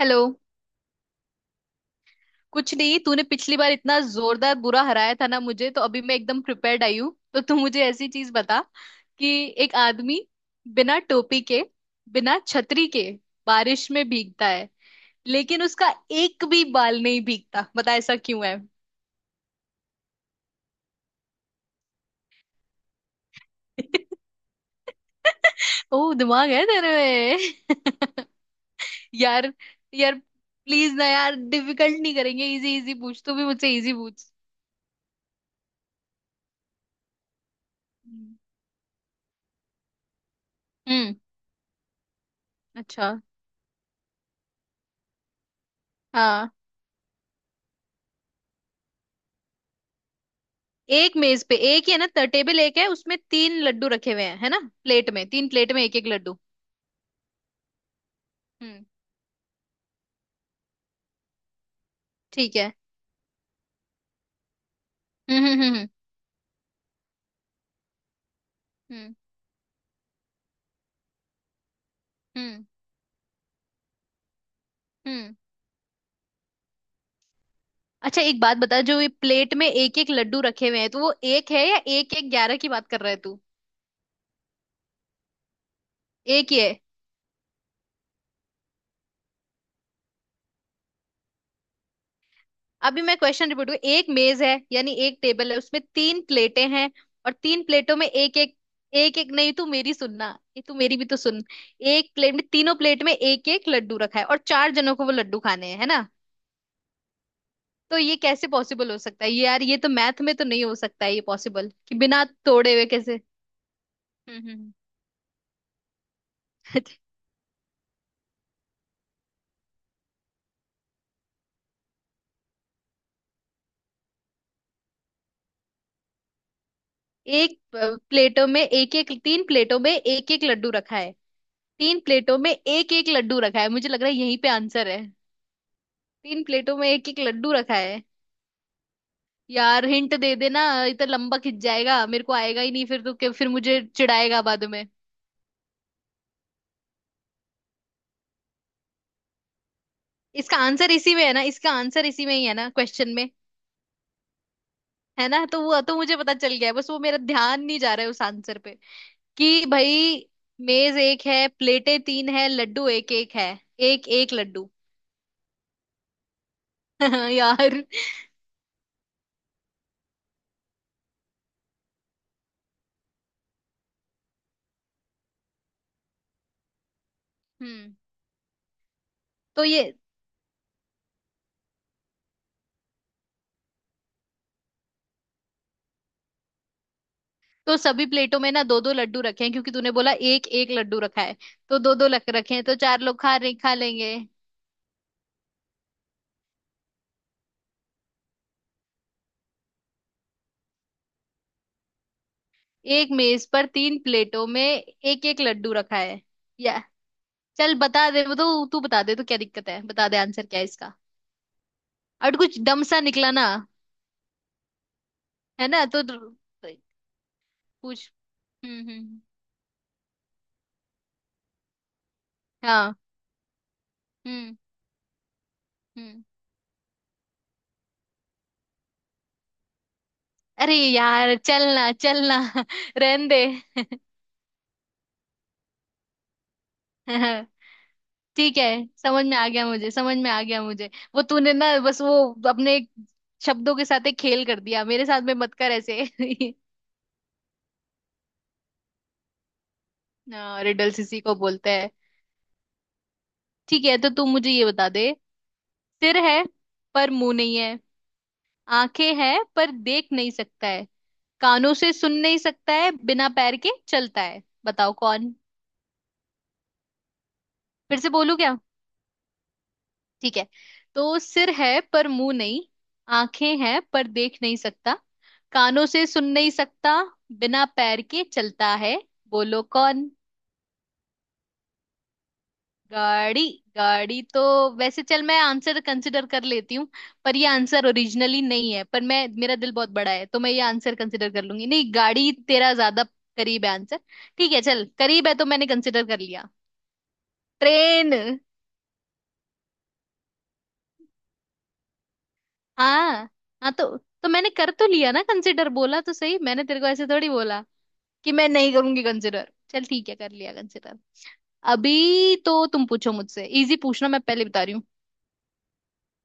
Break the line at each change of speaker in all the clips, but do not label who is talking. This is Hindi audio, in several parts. हेलो। कुछ नहीं, तूने पिछली बार इतना जोरदार बुरा हराया था ना मुझे, तो अभी मैं एकदम प्रिपेयर्ड आई हूँ। तो तू मुझे ऐसी चीज बता कि एक आदमी बिना टोपी के, बिना छतरी के बारिश में भीगता है, लेकिन उसका एक भी बाल नहीं भीगता। बता ऐसा क्यों है? ओ, दिमाग है तेरे में। यार, यार प्लीज ना यार, डिफिकल्ट नहीं करेंगे। इजी इजी पूछ, तू भी मुझसे इजी पूछ। हम्म। हम्म, अच्छा। हाँ, एक मेज पे एक ही है ना, टेबल एक है, उसमें तीन लड्डू रखे हुए हैं, है ना? प्लेट में, तीन प्लेट में एक एक लड्डू। हम्म, ठीक है। हम्म। हम्म हम्म हम्म। अच्छा एक बात बता, जो ये प्लेट में एक एक लड्डू रखे हुए हैं, तो वो एक है या एक एक ग्यारह की बात कर रहा है तू? एक ही है। अभी मैं क्वेश्चन रिपीट करूँ। एक मेज है, यानी एक टेबल है, उसमें तीन प्लेटें हैं, और तीन प्लेटों में एक एक। एक एक नहीं, तू मेरी सुनना। ये तू मेरी भी तो सुन, एक प्लेट में, तीनों प्लेट में एक एक लड्डू रखा है, और चार जनों को वो लड्डू खाने हैं, है ना? तो ये कैसे पॉसिबल हो सकता है ये, यार? ये तो मैथ में तो नहीं हो सकता है ये पॉसिबल कि बिना तोड़े हुए कैसे। हम्म हम्म, हम्म। एक प्लेटों में एक एक, तीन प्लेटों में एक एक लड्डू रखा है। तीन प्लेटों में एक एक लड्डू रखा है, मुझे लग रहा है यहीं पे आंसर है। तीन प्लेटों में एक एक लड्डू रखा है। यार हिंट दे देना, इतना लंबा खिंच जाएगा, मेरे को आएगा ही नहीं फिर तो। फिर मुझे चिढ़ाएगा बाद में। इसका आंसर इसी में है ना, इसका आंसर इसी में ही है ना क्वेश्चन में? है ना, तो वो तो मुझे पता चल गया है, बस वो मेरा ध्यान नहीं जा रहा है उस आंसर पे कि भाई मेज एक है, प्लेटें तीन है, लड्डू एक एक है, एक एक लड्डू। यार। हम्म। तो ये, तो सभी प्लेटों में ना दो दो लड्डू रखे हैं, क्योंकि तूने बोला एक एक लड्डू रखा है, तो दो दो लग रखे हैं, तो चार लोग खा रहे खा लेंगे। एक मेज पर तीन प्लेटों में एक एक लड्डू रखा है, या। चल बता दे, वो तो तू बता दे, तो क्या दिक्कत है? बता दे आंसर क्या है इसका। और कुछ डम सा निकला ना। है ना, पूछ। हम्म। हाँ। हम्म हम्म। अरे यार, चलना चलना। रहन दे। ठीक है, समझ में आ गया मुझे, समझ में आ गया मुझे। वो तूने ना बस वो अपने शब्दों के साथ एक खेल कर दिया। मेरे साथ में मत कर ऐसे। हाँ, रिडल्स इसी को बोलते हैं। ठीक है, तो तू मुझे ये बता दे। सिर है पर मुंह नहीं है, आंखें हैं पर देख नहीं सकता है, कानों से सुन नहीं सकता है, बिना पैर के चलता है। बताओ कौन। फिर से बोलू? ठीक है, तो सिर है पर मुंह नहीं, आंखें हैं पर देख नहीं सकता, कानों से सुन नहीं सकता, बिना पैर के चलता है। बोलो कौन। गाड़ी? गाड़ी तो, वैसे चल मैं आंसर कंसिडर कर लेती हूँ। पर ये आंसर ओरिजिनली नहीं है, पर मैं, मेरा दिल बहुत बड़ा है, तो मैं ये आंसर कंसिडर कर लूंगी। नहीं गाड़ी तेरा ज्यादा करीब है आंसर। ठीक है चल, करीब है तो मैंने कंसिडर कर लिया। ट्रेन। हाँ। हाँ, तो मैंने कर तो लिया ना कंसिडर, बोला तो सही मैंने तेरे को। ऐसे थोड़ी बोला कि मैं नहीं करूंगी कंसिडर। चल ठीक है, कर लिया कंसिडर। अभी तो तुम पूछो मुझसे, इजी पूछना, मैं पहले बता रही हूँ।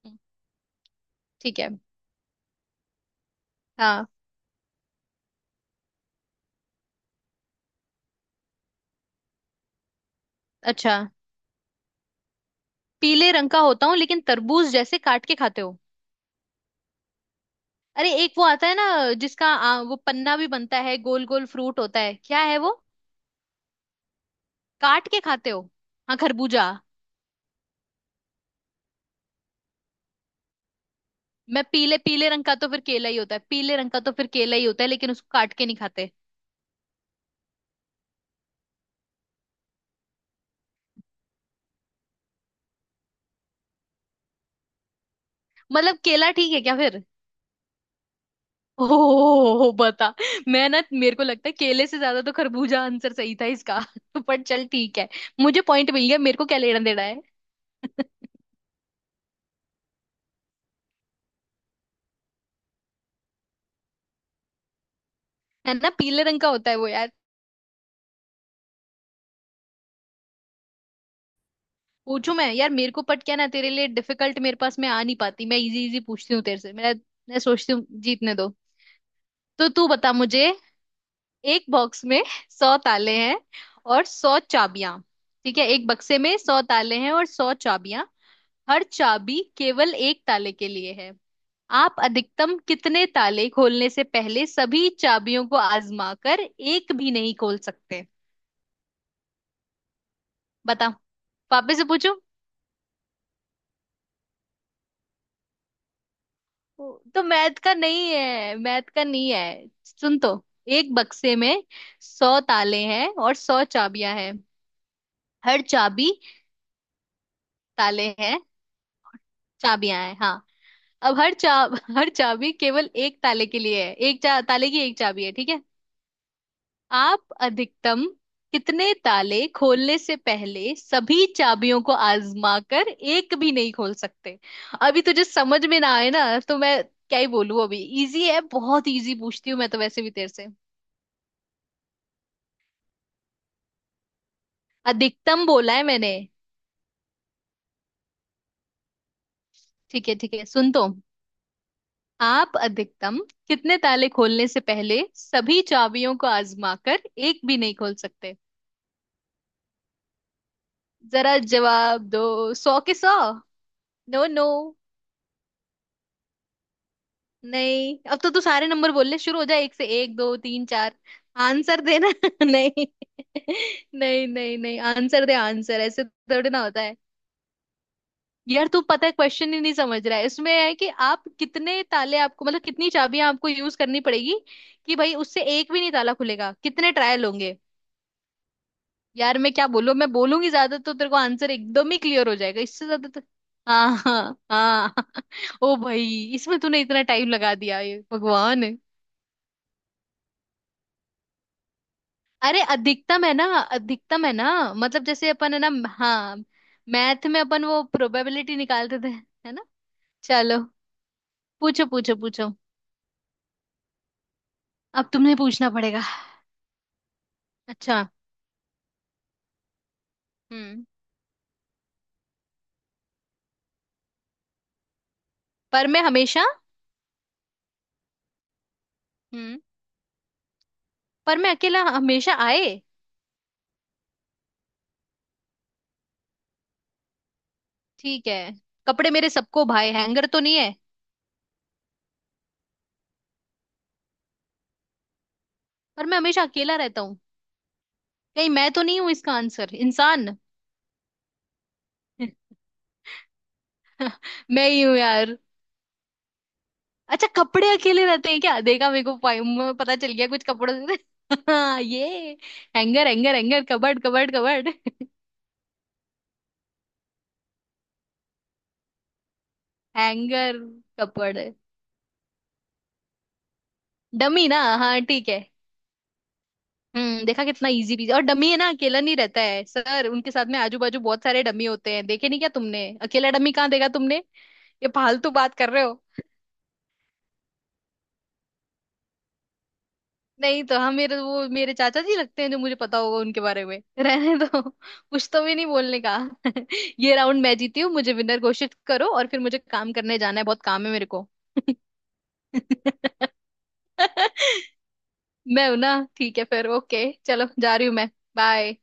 हम्म, ठीक है। हाँ। अच्छा, पीले रंग का होता हूँ, लेकिन तरबूज जैसे काट के खाते हो। अरे, एक वो आता है ना, जिसका वो पन्ना भी बनता है, गोल गोल फ्रूट होता है, क्या है वो? काट के खाते हो? हाँ, खरबूजा। मैं पीले, पीले रंग का तो फिर केला ही होता है, पीले रंग का तो फिर केला ही होता है, लेकिन उसको काट के नहीं खाते। मतलब केला ठीक है क्या फिर? ओ बता। मैं ना, मेरे को लगता है केले से ज्यादा तो खरबूजा आंसर सही था इसका। पर चल ठीक है, मुझे पॉइंट मिल गया, मेरे को क्या लेना देना है। है ना, पीले रंग का होता है वो यार। पूछू मैं? यार मेरे को पट क्या ना तेरे लिए डिफिकल्ट, मेरे पास मैं आ नहीं पाती, मैं इजी इजी पूछती हूँ तेरे से मैं सोचती हूँ जीतने दो। तो तू बता मुझे, एक बॉक्स में सौ ताले हैं, और सौ चाबियां। ठीक है, एक बक्से में सौ ताले हैं और सौ चाबियां। हर चाबी केवल एक ताले के लिए है। आप अधिकतम कितने ताले खोलने से पहले सभी चाबियों को आजमा कर एक भी नहीं खोल सकते? बताओ। पापे से पूछो। तो मैथ का नहीं है, मैथ का नहीं है, सुन तो। एक बक्से में सौ ताले हैं और सौ चाबियां हैं। हर चाबी, ताले हैं, चाबियां हैं, हाँ। अब हर चा हर चाबी केवल एक ताले के लिए है। एक ताले की एक चाबी है, ठीक है? आप अधिकतम कितने ताले खोलने से पहले सभी चाबियों को आजमा कर एक भी नहीं खोल सकते? अभी तुझे समझ में ना आए ना, तो मैं क्या ही बोलूं अभी। इजी है, बहुत इजी पूछती हूँ मैं तो वैसे भी तेरे से। अधिकतम बोला है मैंने। ठीक है ठीक है, सुन तो। आप अधिकतम कितने ताले खोलने से पहले सभी चाबियों को आजमा कर एक भी नहीं खोल सकते? जरा जवाब दो। सौ के सौ? No no. नहीं, अब तो तू सारे नंबर बोलने शुरू हो जाए, एक से एक दो तीन चार। आंसर देना। नहीं, नहीं नहीं नहीं, आंसर दे, आंसर ऐसे थोड़ी ना होता है। यार तू पता है क्वेश्चन ही नहीं समझ रहा है। इसमें है कि आप कितने ताले, आपको मतलब कितनी चाबियां आपको यूज करनी पड़ेगी, कि भाई उससे एक भी नहीं ताला खुलेगा। कितने ट्रायल होंगे? यार मैं क्या बोलूं, मैं बोलूंगी ज्यादा तो तेरे को आंसर एकदम ही क्लियर हो जाएगा, इससे ज्यादा तो। हाँ हाँ हाँ। ओ भाई, इसमें तूने इतना टाइम लगा दिया। ये भगवान। अरे अधिकतम है ना, अधिकतम है ना। मतलब जैसे अपन है ना, हाँ, मैथ में अपन वो प्रोबेबिलिटी निकालते थे। है ना। चलो, पूछो पूछो पूछो। अब तुम्हें पूछना पड़ेगा। अच्छा। हम्म। पर मैं हमेशा। हम्म। पर मैं अकेला हमेशा आए? ठीक है। कपड़े मेरे सबको भाए, हैंगर तो नहीं है? पर मैं हमेशा अकेला रहता हूँ। कहीं मैं तो नहीं हूँ इसका आंसर, इंसान? मैं ही हूँ यार। अच्छा, कपड़े अकेले रहते हैं क्या? देखा, मेरे को मुझे पता चल गया कुछ कपड़ों से। हाँ, ये hanger, hanger, hanger, cupboard, cupboard, cupboard. Hanger. कपड़ डमी ना? हाँ ठीक है। हम्म, देखा कितना इजी पीजी। और डमी है ना, अकेला नहीं रहता है सर, उनके साथ में आजू बाजू बहुत सारे डमी होते हैं, देखे नहीं क्या तुमने? अकेला डमी कहाँ देखा तुमने? ये फालतू बात कर रहे हो। नहीं तो, हम मेरे वो, मेरे चाचा जी लगते हैं जो, मुझे पता होगा उनके बारे में, रहने दो कुछ तो भी नहीं बोलने का। ये राउंड मैं जीती हूँ, मुझे विनर घोषित करो, और फिर मुझे काम करने जाना है, बहुत काम है मेरे को। मैं हूं ना, ठीक है फिर। ओके चलो, जा रही हूँ मैं। बाय।